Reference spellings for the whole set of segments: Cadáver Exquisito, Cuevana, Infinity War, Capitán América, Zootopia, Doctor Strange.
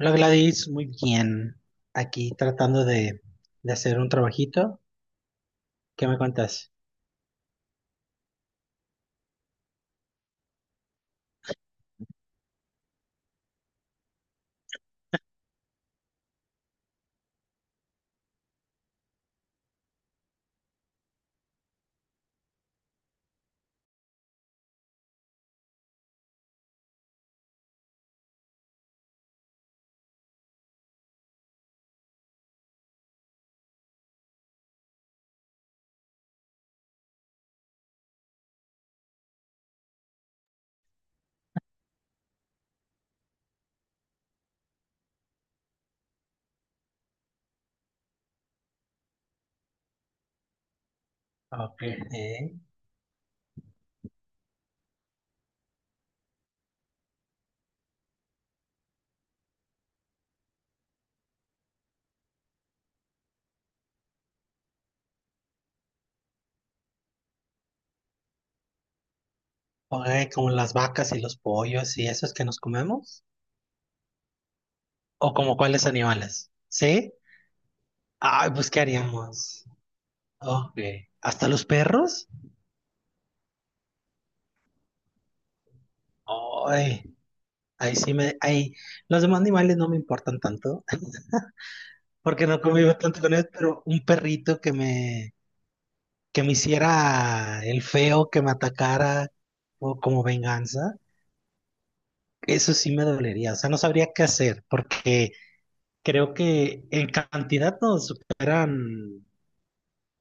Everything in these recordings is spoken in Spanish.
Hola Gladys, muy bien. Aquí tratando de hacer un trabajito. ¿Qué me cuentas? Ok. Ok, como las vacas y los pollos y esos que nos comemos. ¿O como cuáles animales? ¿Sí? Ay, pues ¿qué haríamos? Ok. ¿Hasta los perros? Ay, ahí sí me... Ahí, los demás animales no me importan tanto porque no convivo tanto con ellos, pero un perrito que me hiciera el feo, que me atacara o como venganza. Eso sí me dolería, o sea, no sabría qué hacer, porque creo que en cantidad nos superan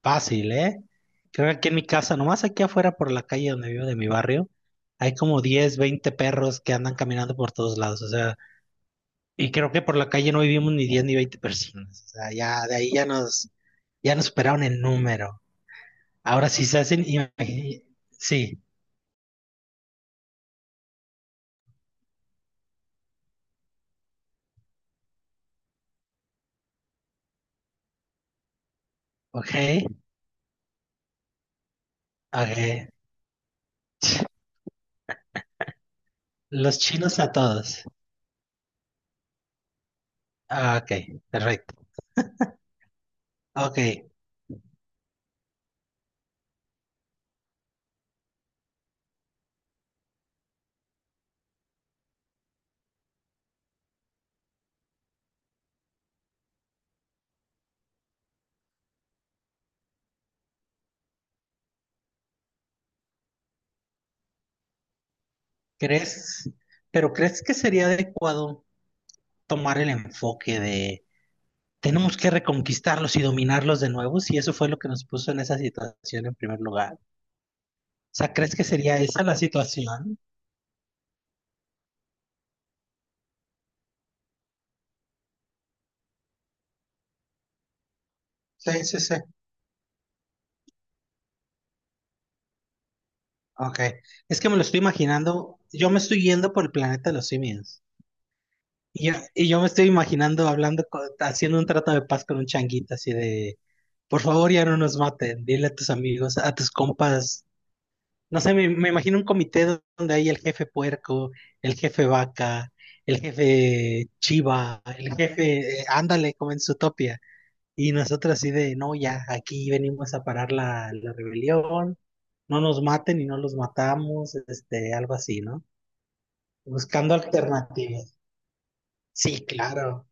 fácil, ¿eh? Creo que aquí en mi casa, nomás aquí afuera por la calle donde vivo de mi barrio, hay como 10, 20 perros que andan caminando por todos lados, o sea, y creo que por la calle no vivimos ni 10 ni 20 personas, o sea, ya de ahí ya nos superaron en número. Ahora sí se hacen, sí, ok, ok. Los chinos a todos. Ah, ok, perfecto. Ok, ¿Crees, pero ¿crees que sería adecuado tomar el enfoque de tenemos que reconquistarlos y dominarlos de nuevo si eso fue lo que nos puso en esa situación en primer lugar? O sea, ¿crees que sería esa la situación? Sí, sí, sí. Ok. Es que me lo estoy imaginando, yo me estoy yendo por el planeta de los simios. Y yo me estoy imaginando hablando, haciendo un trato de paz con un changuito así de, por favor ya no nos maten, dile a tus amigos, a tus compas. No sé, me imagino un comité donde hay el jefe puerco, el jefe vaca, el jefe chiva, el jefe, ándale, como en Zootopia. Y nosotros así de, no, ya, aquí venimos a parar la rebelión, no nos maten y no los matamos, este, algo así, ¿no? Buscando alternativas. Sí, claro,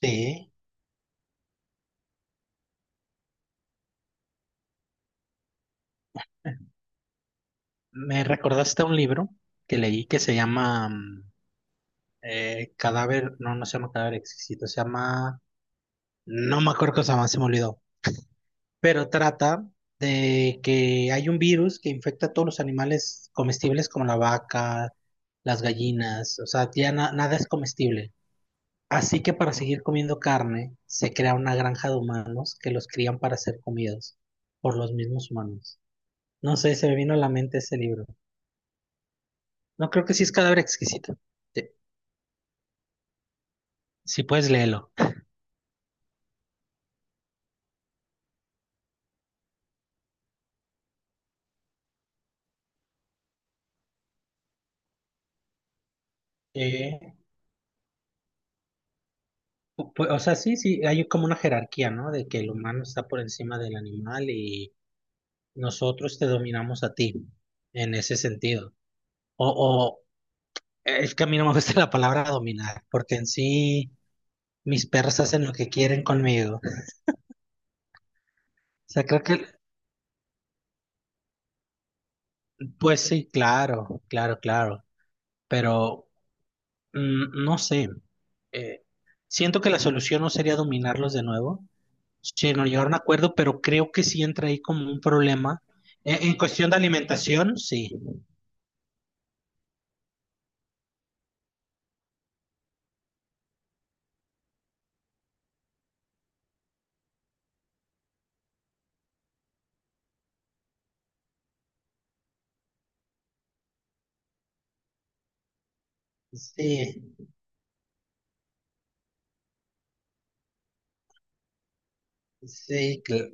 sí. Me recordaste a un libro que leí que se llama Cadáver, no, no se llama Cadáver Exquisito, se llama, no me acuerdo cosa más, se me olvidó. Pero trata de que hay un virus que infecta a todos los animales comestibles como la vaca, las gallinas, o sea, nada es comestible. Así que para seguir comiendo carne, se crea una granja de humanos que los crían para ser comidos por los mismos humanos. No sé, se me vino a la mente ese libro. No creo que sí es cadáver exquisito. Sí, si puedes, léelo. Eh, o sea, sí, sí, hay como una jerarquía, ¿no? De que el humano está por encima del animal y nosotros te dominamos a ti en ese sentido. O, o es que a mí no me gusta la palabra dominar, porque en sí mis persas hacen lo que quieren conmigo. O sea, creo que, pues sí, claro, claro, claro. Pero mm, no sé. Eh, siento que la solución no sería dominarlos de nuevo, sino llegar a un acuerdo, pero creo que sí entra ahí como un problema. En cuestión de alimentación, sí. Sí, sí, claro.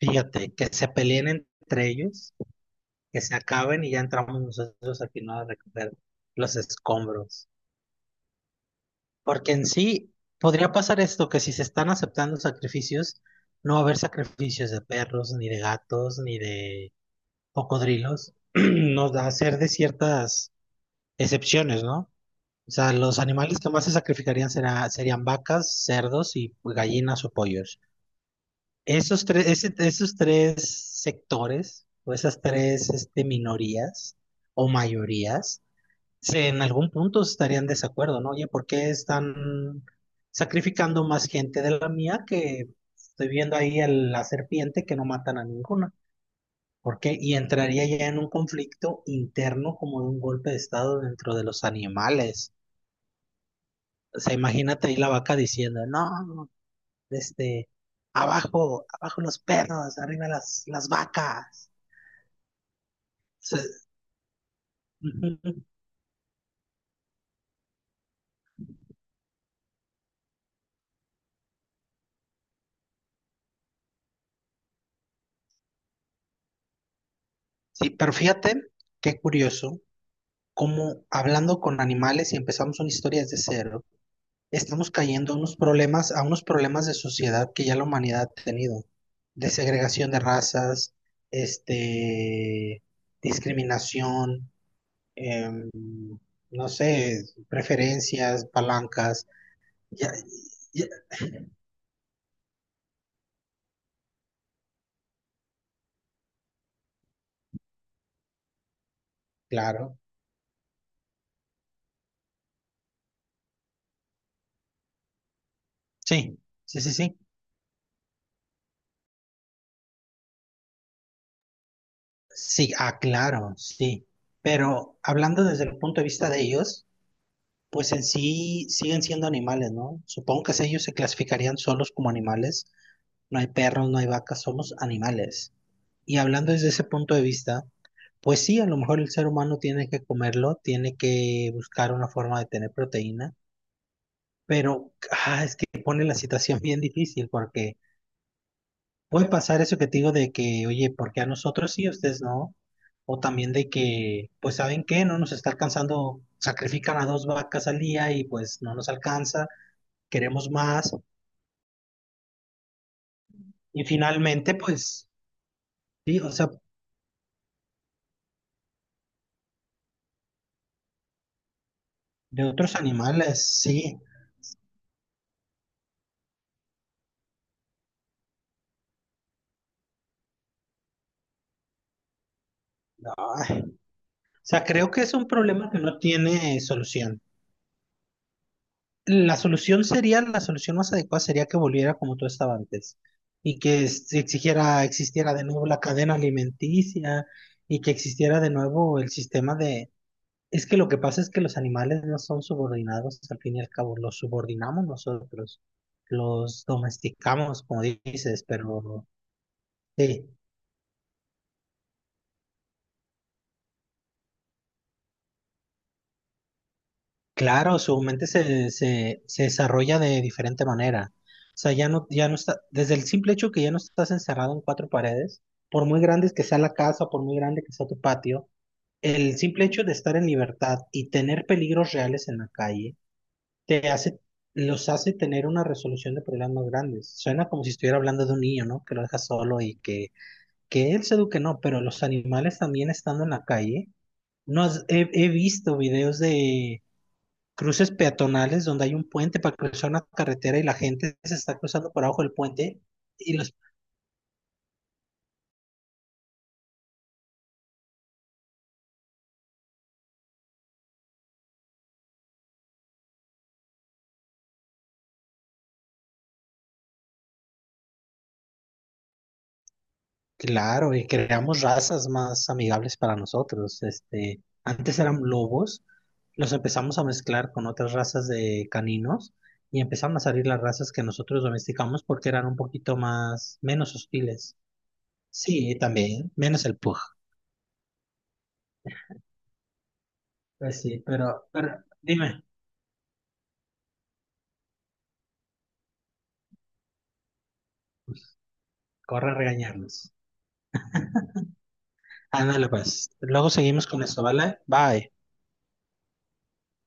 Fíjate, que se peleen entre ellos, que se acaben y ya entramos nosotros al final a recoger los escombros. Porque en sí podría pasar esto, que si se están aceptando sacrificios, no va a haber sacrificios de perros, ni de gatos, ni de cocodrilos. Nos da hacer de ciertas excepciones, ¿no? O sea, los animales que más se sacrificarían serían vacas, cerdos y gallinas o pollos. Esos tres, esos tres sectores o esas tres este, minorías o mayorías, en algún punto estarían en desacuerdo, ¿no? Oye, ¿por qué están sacrificando más gente de la mía que estoy viendo ahí a la serpiente que no matan a ninguna? ¿Por qué? Y entraría ya en un conflicto interno como de un golpe de estado dentro de los animales. O sea, imagínate ahí la vaca diciendo, no, este, abajo, abajo los perros, arriba las vacas. Se- Ujú. Sí, pero fíjate, qué curioso, cómo hablando con animales y empezamos una historia desde cero, estamos cayendo a unos problemas de sociedad que ya la humanidad ha tenido, de segregación de razas, este, discriminación, em, no sé, preferencias, palancas, ya, ya- claro, sí, sí, sí, sí. Sí, ah, claro, sí. Pero hablando desde el punto de vista de ellos, pues en sí siguen siendo animales, ¿no? Supongo que ellos se clasificarían solos como animales. No hay perros, no hay vacas, somos animales. Y hablando desde ese punto de vista, pues sí, a lo mejor el ser humano tiene que comerlo, tiene que buscar una forma de tener proteína, pero ah, es que pone la situación bien difícil porque puede pasar eso que te digo de que, oye, ¿por qué a nosotros sí, a ustedes no? O también de que, pues, ¿saben qué? No nos está alcanzando, sacrifican a dos vacas al día y pues no nos alcanza, queremos más. Y finalmente, pues, sí, o sea, de otros animales, sí. Ay, o sea, creo que es un problema que no tiene solución. La solución sería, la solución más adecuada sería que volviera como tú estaba antes y que exigiera, existiera de nuevo la cadena alimenticia y que existiera de nuevo el sistema de... Es que lo que pasa es que los animales no son subordinados, al fin y al cabo, los subordinamos nosotros, los domesticamos, como dices, pero sí, claro, su mente se desarrolla de diferente manera. O sea, ya no está, desde el simple hecho que ya no estás encerrado en cuatro paredes, por muy grandes que sea la casa, por muy grande que sea tu patio, el simple hecho de estar en libertad y tener peligros reales en la calle, te hace, los hace tener una resolución de problemas más grandes. Suena como si estuviera hablando de un niño, ¿no? Que lo deja solo y que él se eduque, no, pero los animales también estando en la calle, no has- he visto videos de cruces peatonales donde hay un puente para cruzar una carretera y la gente se está cruzando por abajo del puente y los claro, y creamos razas más amigables para nosotros. Este, antes eran lobos, los empezamos a mezclar con otras razas de caninos y empezaron a salir las razas que nosotros domesticamos porque eran un poquito más menos hostiles. Sí, también, menos el pug. Pues sí, pero dime, corre a regañarnos. Ándale pues, luego seguimos con esto, ¿vale? Bye.